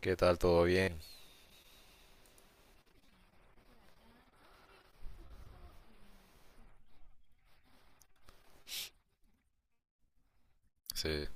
¿Qué tal? ¿Todo bien? Sí.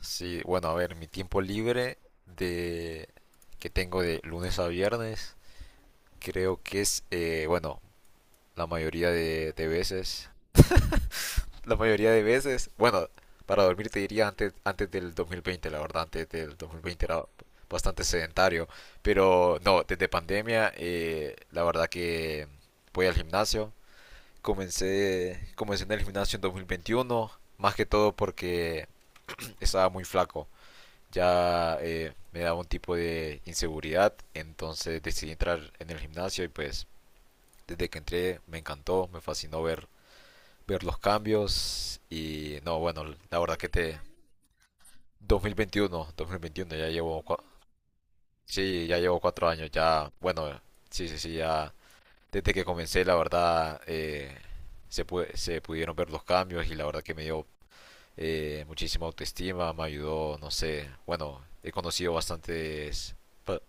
Sí, bueno, a ver, mi tiempo libre de que tengo de lunes a viernes, creo que es, bueno, la mayoría de veces. La mayoría de veces, bueno, para dormir te diría antes del 2020, la verdad, antes del 2020 era bastante sedentario, pero no, desde pandemia, la verdad que voy al gimnasio. Comencé en el gimnasio en 2021, más que todo porque estaba muy flaco. Ya me daba un tipo de inseguridad, entonces decidí entrar en el gimnasio y pues desde que entré me encantó, me fascinó ver los cambios y no, bueno, la verdad que te— dos mil veintiuno, ya llevo, sí, ya llevo 4 años, ya, bueno, sí, sí, sí, ya desde que comencé la verdad, se, se pudieron ver los cambios y la verdad que me dio, muchísima autoestima, me ayudó, no sé, bueno, he conocido bastantes,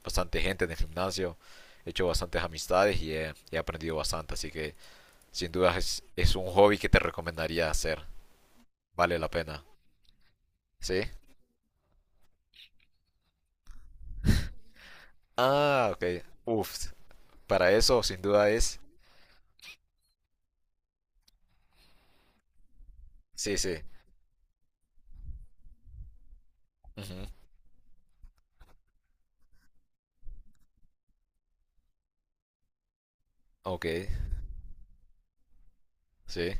bastante gente en el gimnasio, he hecho bastantes amistades y he aprendido bastante, así que sin duda es un hobby que te recomendaría hacer, vale la pena, ¿sí? Ah, ok, uff, para eso sin duda es, sí, sí, ujú, ok, sí,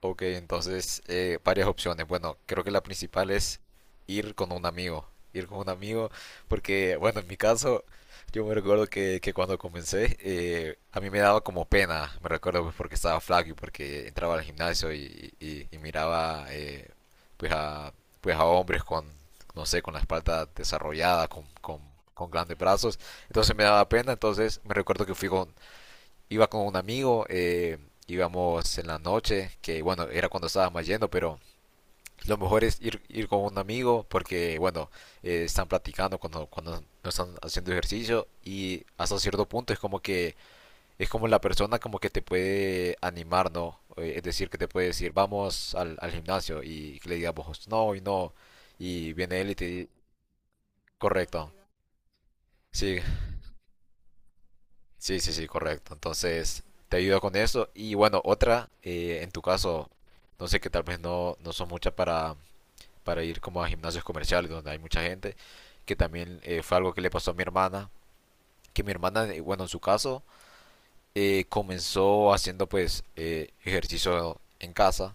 ok, entonces, varias opciones. Bueno, creo que la principal es ir con un amigo. Ir con un amigo, porque, bueno, en mi caso, yo me recuerdo que cuando comencé, a mí me daba como pena. Me recuerdo, pues, porque estaba flaco y porque entraba al gimnasio y miraba, pues, a, pues a hombres con, no sé, con la espalda desarrollada, con grandes brazos. Entonces me daba pena. Entonces me recuerdo que fui con, iba con un amigo, íbamos en la noche, que bueno, era cuando estábamos yendo, pero lo mejor es ir con un amigo porque, bueno, están platicando cuando no están haciendo ejercicio y hasta cierto punto es como que es como la persona como que te puede animar, ¿no? Es decir, que te puede decir, vamos al gimnasio y que le digamos, no, y no, y viene él y te dice, correcto. Sí, sí, sí, sí, correcto. Entonces, te ayudo con eso. Y bueno, otra, en tu caso, no sé, que tal vez no, no sos mucha para ir como a gimnasios comerciales donde hay mucha gente, que también fue algo que le pasó a mi hermana, que mi hermana, bueno, en su caso, comenzó haciendo, pues, ejercicio en casa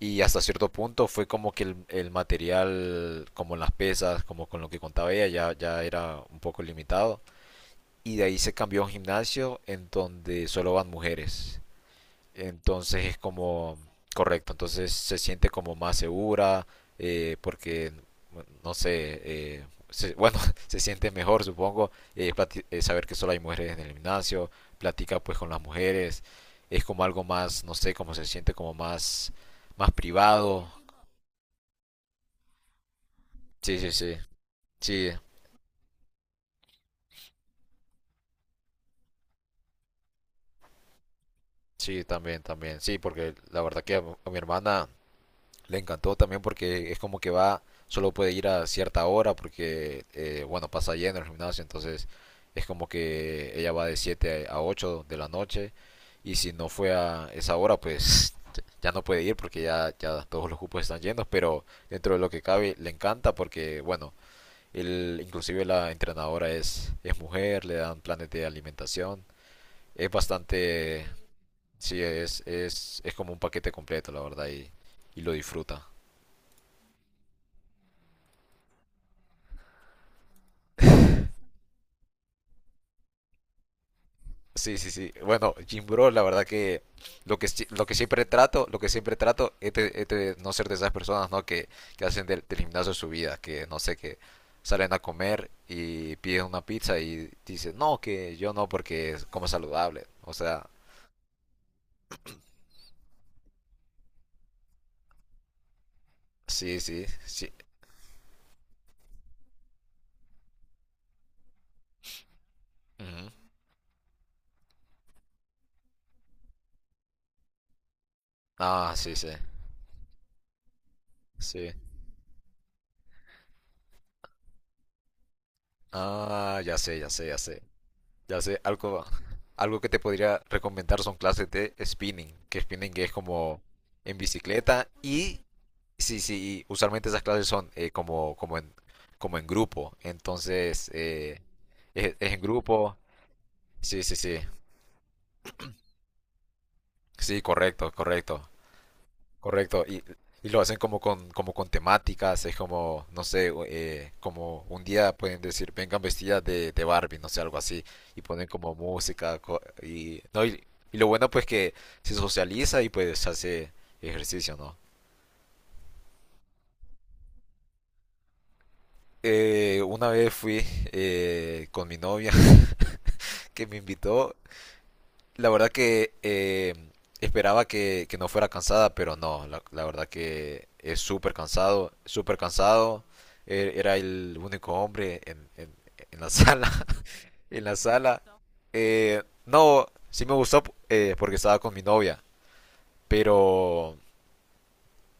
y hasta cierto punto fue como que el material, como las pesas, como con lo que contaba ella, ya era un poco limitado y de ahí se cambió a un gimnasio en donde solo van mujeres. Entonces es como, correcto, entonces se siente como más segura, porque, no sé, bueno, se siente mejor, supongo, saber que solo hay mujeres en el gimnasio, platica, pues, con las mujeres, es como algo más, no sé, como se siente como más, más privado. Sí, sí, sí, sí, sí, también, también, sí, porque la verdad que a mi hermana le encantó también porque es como que va, solo puede ir a cierta hora porque, bueno, pasa lleno el gimnasio, entonces es como que ella va de 7 a 8 de la noche y si no fue a esa hora, pues, ya no puede ir porque ya todos los cupos están llenos, pero dentro de lo que cabe le encanta porque, bueno, él, inclusive la entrenadora es mujer, le dan planes de alimentación, es bastante, sí, es como un paquete completo, la verdad, y lo disfruta. Sí, sí, sí. Bueno, Jim Bro, la verdad que lo que, lo que siempre trato, lo que siempre trato es de no ser de esas personas, ¿no? Que hacen del gimnasio su vida, que no sé, que salen a comer y piden una pizza y dicen, no, que yo no porque es como saludable. O sea, sí, sí, sí. Ujú. Ah, sí, sí, sí. Ah, ya sé, ya sé, ya sé. Ya sé, algo, algo que te podría recomendar son clases de spinning, que spinning es como en bicicleta y sí, sí, y usualmente esas clases son, como, como en grupo, entonces, es en grupo, sí, sí, sí, sí, correcto, correcto, correcto, y lo hacen como con, temáticas, es como, no sé, como un día pueden decir, vengan vestidas de Barbie, no sé, algo así, y ponen como música, y, no, y lo bueno, pues, que se socializa y pues hace ejercicio, ¿no? Una vez fui, con mi novia, que me invitó, la verdad que, esperaba que no fuera cansada, pero no, la verdad que es súper cansado, súper cansado. Era el único hombre en la sala, en la sala. No, sí me gustó, porque estaba con mi novia, pero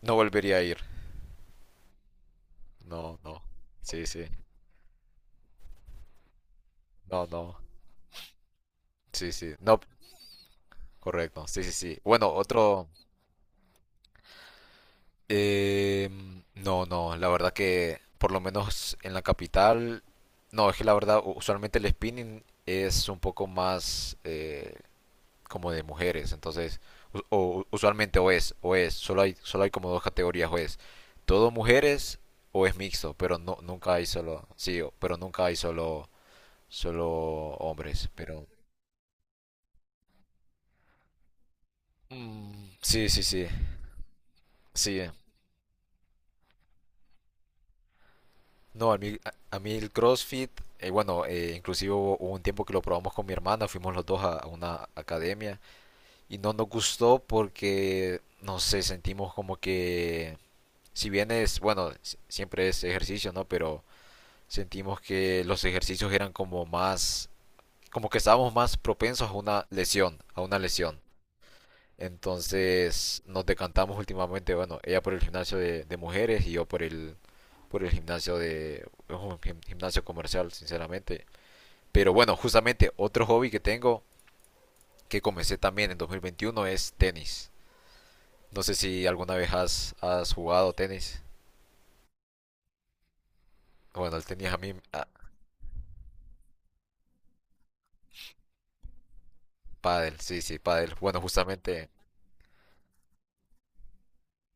no volvería a ir. No, no. Sí, sí. No, no. Sí, sí. No, correcto. Sí, sí, sí. Bueno, otro— Eh, no, no, la verdad que por lo menos en la capital, no, es que la verdad, usualmente el spinning es un poco más, como de mujeres, entonces, usualmente o es, solo hay como dos categorías: o es todo mujeres o es mixto, pero no, nunca hay solo, sí, pero nunca hay solo hombres, pero mm, sí, sí, sí, sí. No, a mí el CrossFit, bueno, inclusive hubo un tiempo que lo probamos con mi hermana, fuimos los dos a una academia y no nos gustó porque, no sé, sentimos como que, si bien es, bueno, siempre es ejercicio, ¿no? Pero sentimos que los ejercicios eran como más, como que estábamos más propensos a una lesión, a una lesión. Entonces nos decantamos últimamente, bueno, ella por el gimnasio de mujeres y yo por el, por el gimnasio de un gimnasio comercial, sinceramente. Pero bueno, justamente otro hobby que tengo, que comencé también en 2021, es tenis. No sé si alguna vez has, has jugado tenis. Bueno, el tenis, a mí, ah, pádel, sí, sí, pádel. Bueno, justamente,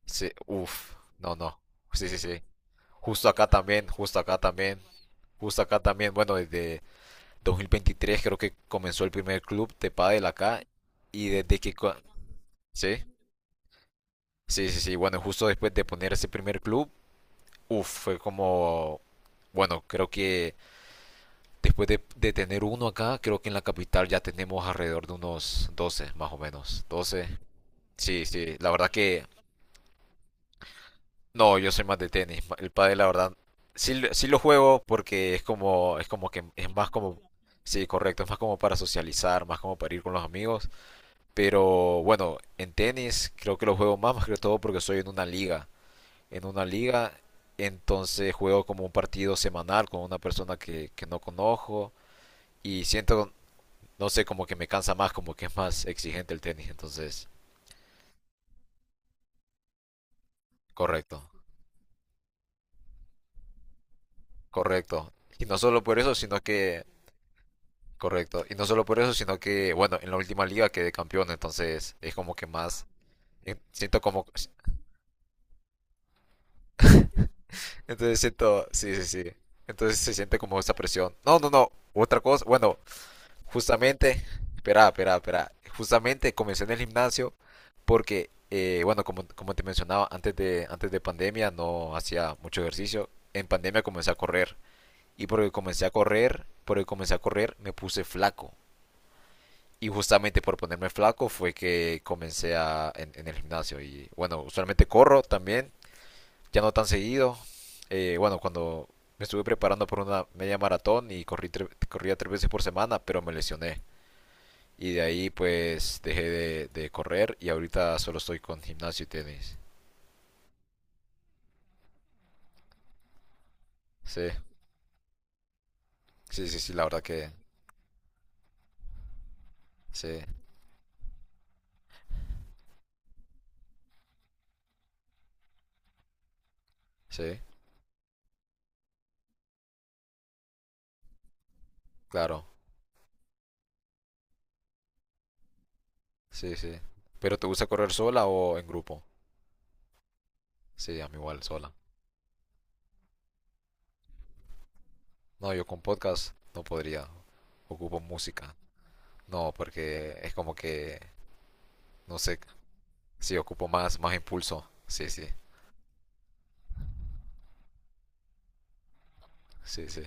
sí, uff, no, no, sí, sí, sí. Justo acá también, justo acá también, justo acá también. Bueno, desde 2023 creo que comenzó el primer club de pádel acá, y desde que, sí. Sí, sí, sí. Bueno, justo después de poner ese primer club, uff, fue como, bueno, creo que después de tener uno acá, creo que en la capital ya tenemos alrededor de unos 12, más o menos. 12. Sí, sí. La verdad que, no, yo soy más de tenis. El pádel, la verdad, sí, sí lo juego porque es como que es más como, sí, correcto, es más como para socializar, más como para ir con los amigos. Pero bueno, en tenis creo que lo juego más, más que todo porque soy en una liga. En una liga, entonces juego como un partido semanal con una persona que no conozco y siento, no sé, como que me cansa más, como que es más exigente el tenis, entonces, correcto, correcto. Y no solo por eso, sino que, correcto, y no solo por eso, sino que, bueno, en la última liga quedé campeón, entonces es como que más, siento como, entonces siento, sí, sí, sí, entonces se siente como esa presión. No, no, no, otra cosa, bueno, justamente, espera, espera, espera. Justamente comencé en el gimnasio porque, bueno, como, como te mencionaba, antes de pandemia no hacía mucho ejercicio. En pandemia comencé a correr. Y porque comencé a correr, porque comencé a correr, me puse flaco. Y justamente por ponerme flaco fue que comencé en el gimnasio. Y bueno, usualmente corro también, ya no tan seguido. Bueno, cuando me estuve preparando por una media maratón y corrí, corría 3 veces por semana, pero me lesioné. Y de ahí, pues, dejé de correr y ahorita solo estoy con gimnasio y tenis. Sí, sí, sí, sí, la verdad que sí, sí, claro, sí, sí. ¿Pero te gusta correr sola o en grupo? Sí, a mí igual, sola. No, yo con podcast no podría. Ocupo música. No, porque es como que, no sé, sí, ocupo más, más impulso. Sí, sí, sí, sí.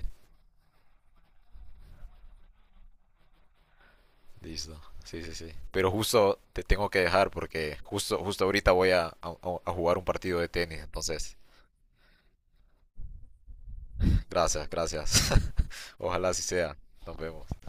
Listo. Sí, sí, sí. Pero justo te tengo que dejar porque justo ahorita voy a jugar un partido de tenis. Entonces, gracias, gracias. Ojalá así sea. Nos vemos.